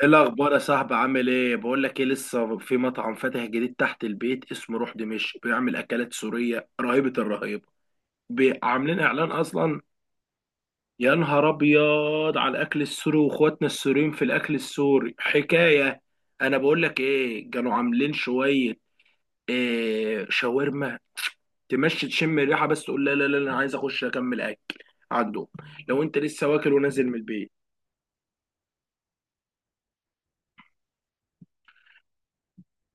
ايه الاخبار يا صاحبي؟ عامل ايه؟ بقول لك ايه، لسه في مطعم فاتح جديد تحت البيت اسمه روح دمشق، بيعمل اكلات سوريه رهيبه الرهيبه. عاملين اعلان اصلا. يا نهار ابيض على الاكل السوري، واخواتنا السوريين في الاكل السوري حكايه. انا بقول لك ايه، كانوا عاملين شويه إيه، شاورما. تمشي تشم الريحه، بس تقول لا لا لا، انا عايز اخش اكمل اكل عندهم لو انت لسه واكل ونازل من البيت.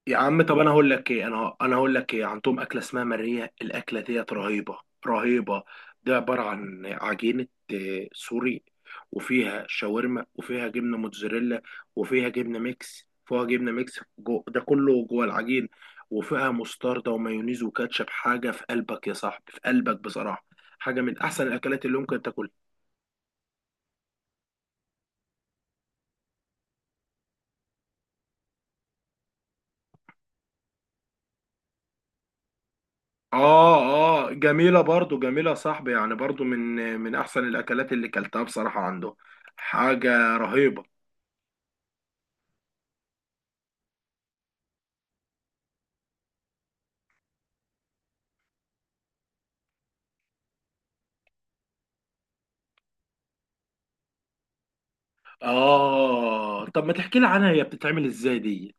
يا عم، طب انا هقول لك ايه، انا هقول لك ايه، عندهم اكله اسمها ماريه، الاكله ديت رهيبه رهيبه. دي عباره عن عجينه، سوري، وفيها شاورما وفيها جبنه موتزاريلا وفيها جبنه ميكس، فيها جبنه ميكس جو، ده كله جوه العجين. وفيها مستردة ومايونيز وكاتشب، حاجه في قلبك يا صاحبي، في قلبك بصراحه. حاجه من احسن الاكلات اللي ممكن تاكلها. اه. اه جميلة برضو، جميلة يا صاحبي يعني، برضو من احسن الاكلات اللي كلتها بصراحة عنده. حاجة رهيبة. اه، طب ما تحكي لي عنها، هي بتتعمل ازاي دي؟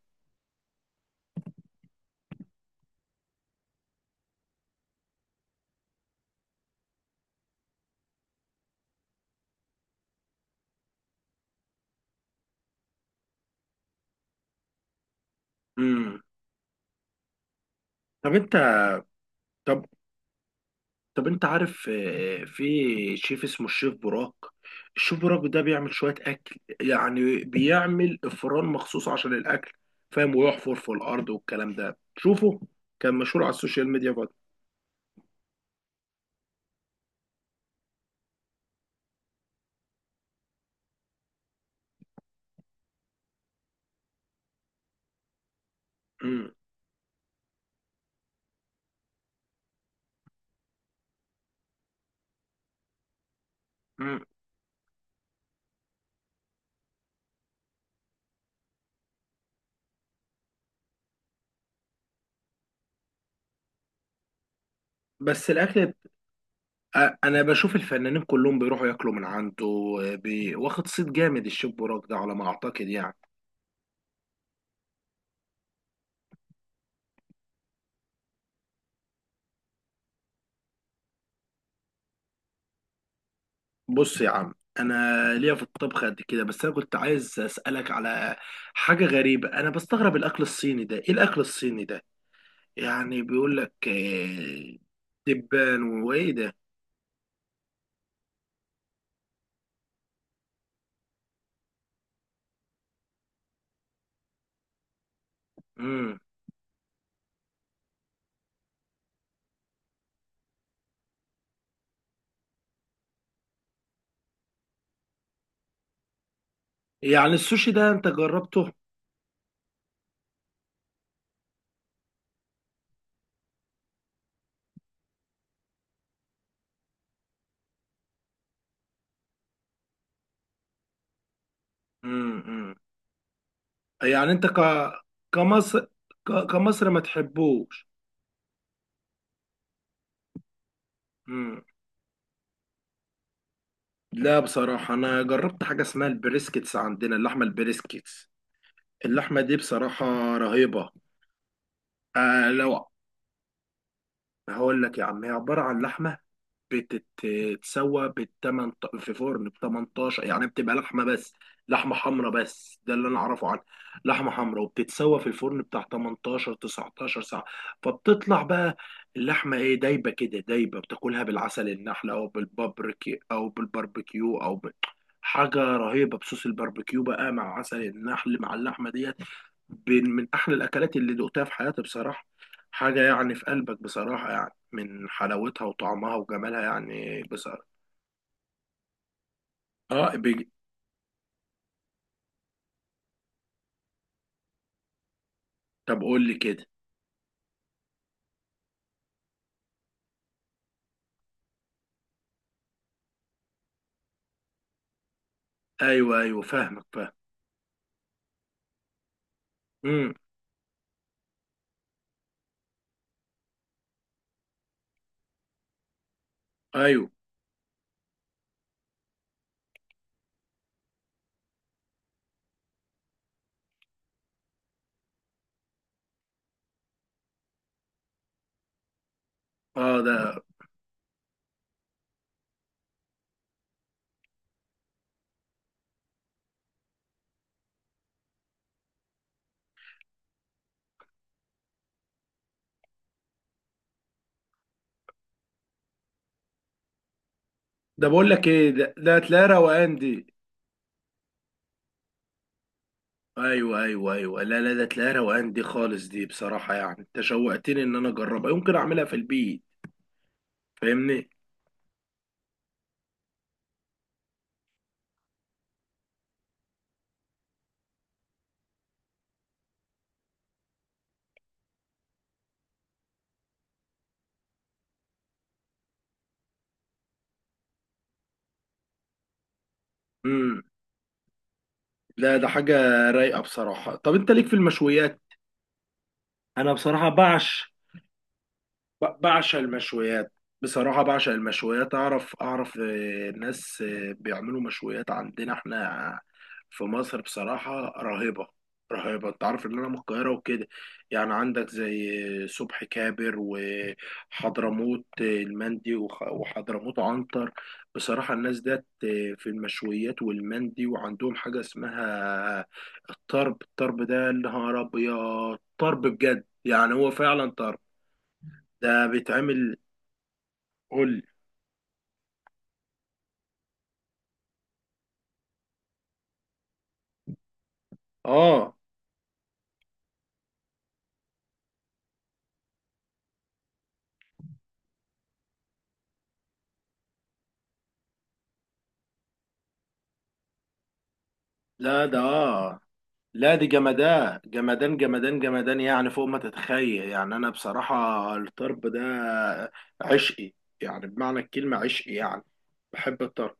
امم. طب انت، طب طب انت عارف في شيف اسمه الشيف براك؟ الشيف براك ده بيعمل شوية اكل، يعني بيعمل افران مخصوص عشان الاكل، فاهم؟ ويحفر في الارض والكلام ده، شوفه. كان مشهور على السوشيال ميديا برضه. امم. امم. بس الاكل، انا بشوف الفنانين كلهم بيروحوا ياكلوا من عنده. واخد صيت جامد الشيف بوراك ده، على ما اعتقد يعني. بص يا عم، انا ليا في الطبخ قد كده، بس انا كنت عايز اسالك على حاجه غريبه. انا بستغرب الاكل الصيني ده، ايه الاكل الصيني ده؟ يعني بيقول لك دبان وايه ده؟ امم. يعني السوشي ده انت جربته؟ امم. يعني انت كمصر، كمصر ما تحبوش؟ لا بصراحة، أنا جربت حاجة اسمها البريسكيتس عندنا، اللحمة البريسكيتس. اللحمة دي بصراحة رهيبة. لو هقول لك يا عم، هي عبارة عن لحمة بتتسوى بالتمن في فرن ب 18، يعني بتبقى لحمه بس، لحمه حمراء، بس ده اللي انا اعرفه عنها. لحمه حمراء، وبتتسوى في الفرن بتاع 18 19 ساعه، فبتطلع بقى اللحمه ايه، دايبه كده، دايبه. بتاكلها بالعسل النحل او بالبابريكي او بالباربيكيو او حاجه رهيبه. بصوص الباربيكيو بقى مع عسل النحل مع اللحمه ديت، من احلى الاكلات اللي دقتها في حياتي بصراحه. حاجه يعني في قلبك بصراحه، يعني من حلاوتها وطعمها وجمالها، يعني بصراحة. اه، طب قول لي كده. ايوه ايوه، فاهمك، فاهم. امم. ايوه. اه، ده بقول لك ايه، ده تلاقي روقان دي. ايوه ايوه ايوه، لا لا، ده تلاقي روقان دي خالص دي، بصراحة يعني انت شوقتني ان انا اجربها، يمكن اعملها في البيت. فاهمني. امم. لا ده حاجة رايقة بصراحة. طب انت ليك في المشويات؟ انا بصراحة بعش، بعشق المشويات. بصراحة بعشق المشويات، أعرف أعرف ناس بيعملوا مشويات عندنا إحنا في مصر بصراحة رهيبة، رهيبة. أنت عارف إن أنا من القاهرة وكده. يعني عندك زي صبحي كابر وحضرموت المندي وحضرموت عنتر، بصراحة الناس ديت في المشويات والمندي، وعندهم حاجة اسمها الطرب. الطرب ده يا نهار أبيض، طرب بجد، يعني هو فعلا طرب. ده بيتعمل، قول. اه. لا ده آه. لا دي جمدان جمدان جمدان جمدان، يعني فوق ما تتخيل يعني. انا بصراحة الطرب ده عشقي، يعني بمعنى الكلمة عشقي يعني، بحب الطرب.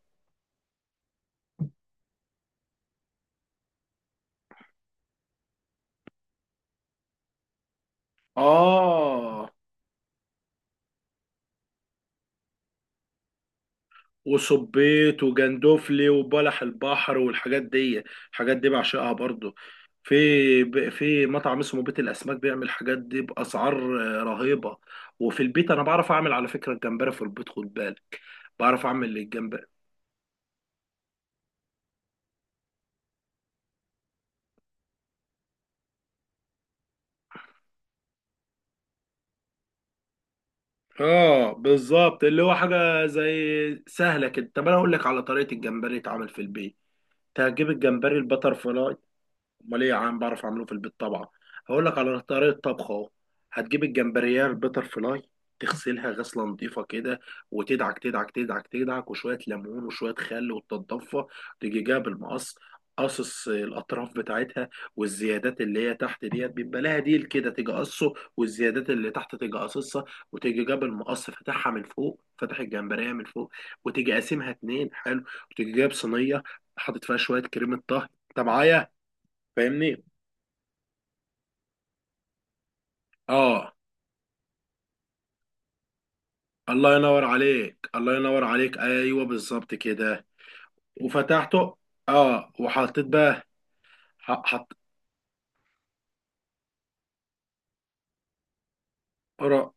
اه، وصبيت وجندوفلي وبلح البحر والحاجات دي. الحاجات دي بعشقها برضو. في في مطعم اسمه بيت الاسماك بيعمل الحاجات دي باسعار رهيبه. وفي البيت انا بعرف اعمل، على فكره الجمبري في البيت، خد بالك، بعرف اعمل الجمبري. اه بالظبط، اللي هو حاجه زي سهله كده. طب انا اقول لك على طريقه الجمبري يتعمل في البيت. تجيب الجمبري البتر فلاي. امال ايه يا عم، بعرف اعمله في البيت طبعا. هقول لك على طريقه طبخ اهو. هتجيب الجمبريه البتر فلاي، تغسلها غسله نظيفه كده، وتدعك تدعك تدعك تدعك، وشويه ليمون وشويه خل، وتتضفى. تيجي جايب المقص، قصص الاطراف بتاعتها، والزيادات اللي هي تحت ديت، بيبقى لها ديل كده، تيجي قصه، والزيادات اللي تحت تيجي قصصها. وتيجي جاب المقص، فاتحها من فوق، فاتح الجمبريه من فوق، وتيجي قاسمها اتنين، حلو. وتيجي جايب صينيه، حاطط فيها شويه كريمه طهي. انت معايا، فاهمني؟ اه، الله ينور عليك، الله ينور عليك، ايوه بالظبط كده. وفتحته، اه وحطيت بقى، حط، قرا،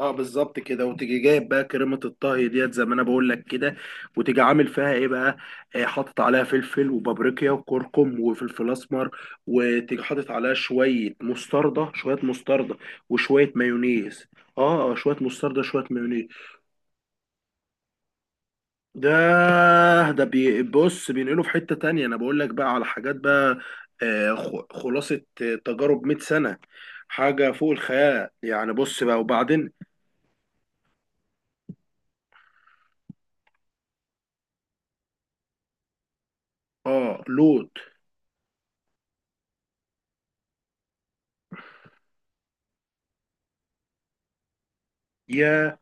اه بالظبط كده. وتيجي جايب بقى كريمه الطهي ديت، زي ما انا بقول لك كده، وتيجي عامل فيها ايه بقى، آه حاطط عليها فلفل وبابريكا وكركم وفلفل اسمر، وتيجي حاطط عليها شويه مستردة، شويه مستردة وشويه مايونيز. اه شويه مستردة شويه مايونيز. ده ده بص، بينقله في حتة تانية، انا بقول لك بقى على حاجات بقى خلاصة تجارب 100 سنة، حاجة فوق الخيال. يعني بص بقى وبعدين. اه لوط. يا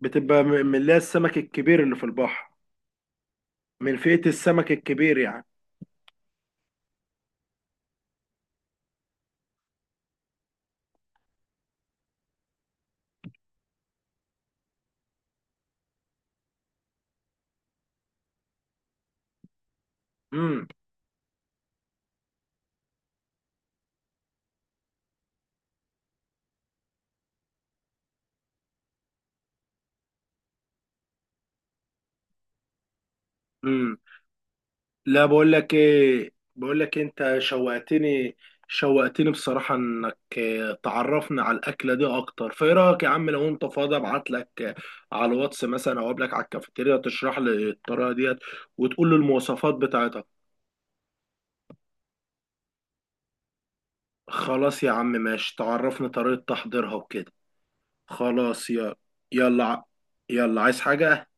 بتبقى من اللي هي السمك الكبير اللي في البحر، من فئة السمك الكبير يعني. امم. امم. لا بقول لك ايه، بقول لك انت شوقتني، شوقتني بصراحة انك تعرفنا على الأكلة دي اكتر. فايه رأيك يا عم، لو انت فاضي ابعت لك على الواتس مثلا، او قبلك على الكافيتيريا تشرح لي الطريقة ديت وتقول لي المواصفات بتاعتها. خلاص يا عم، ماشي، تعرفني طريقة تحضيرها وكده. خلاص يا، يلا يلا عايز حاجة؟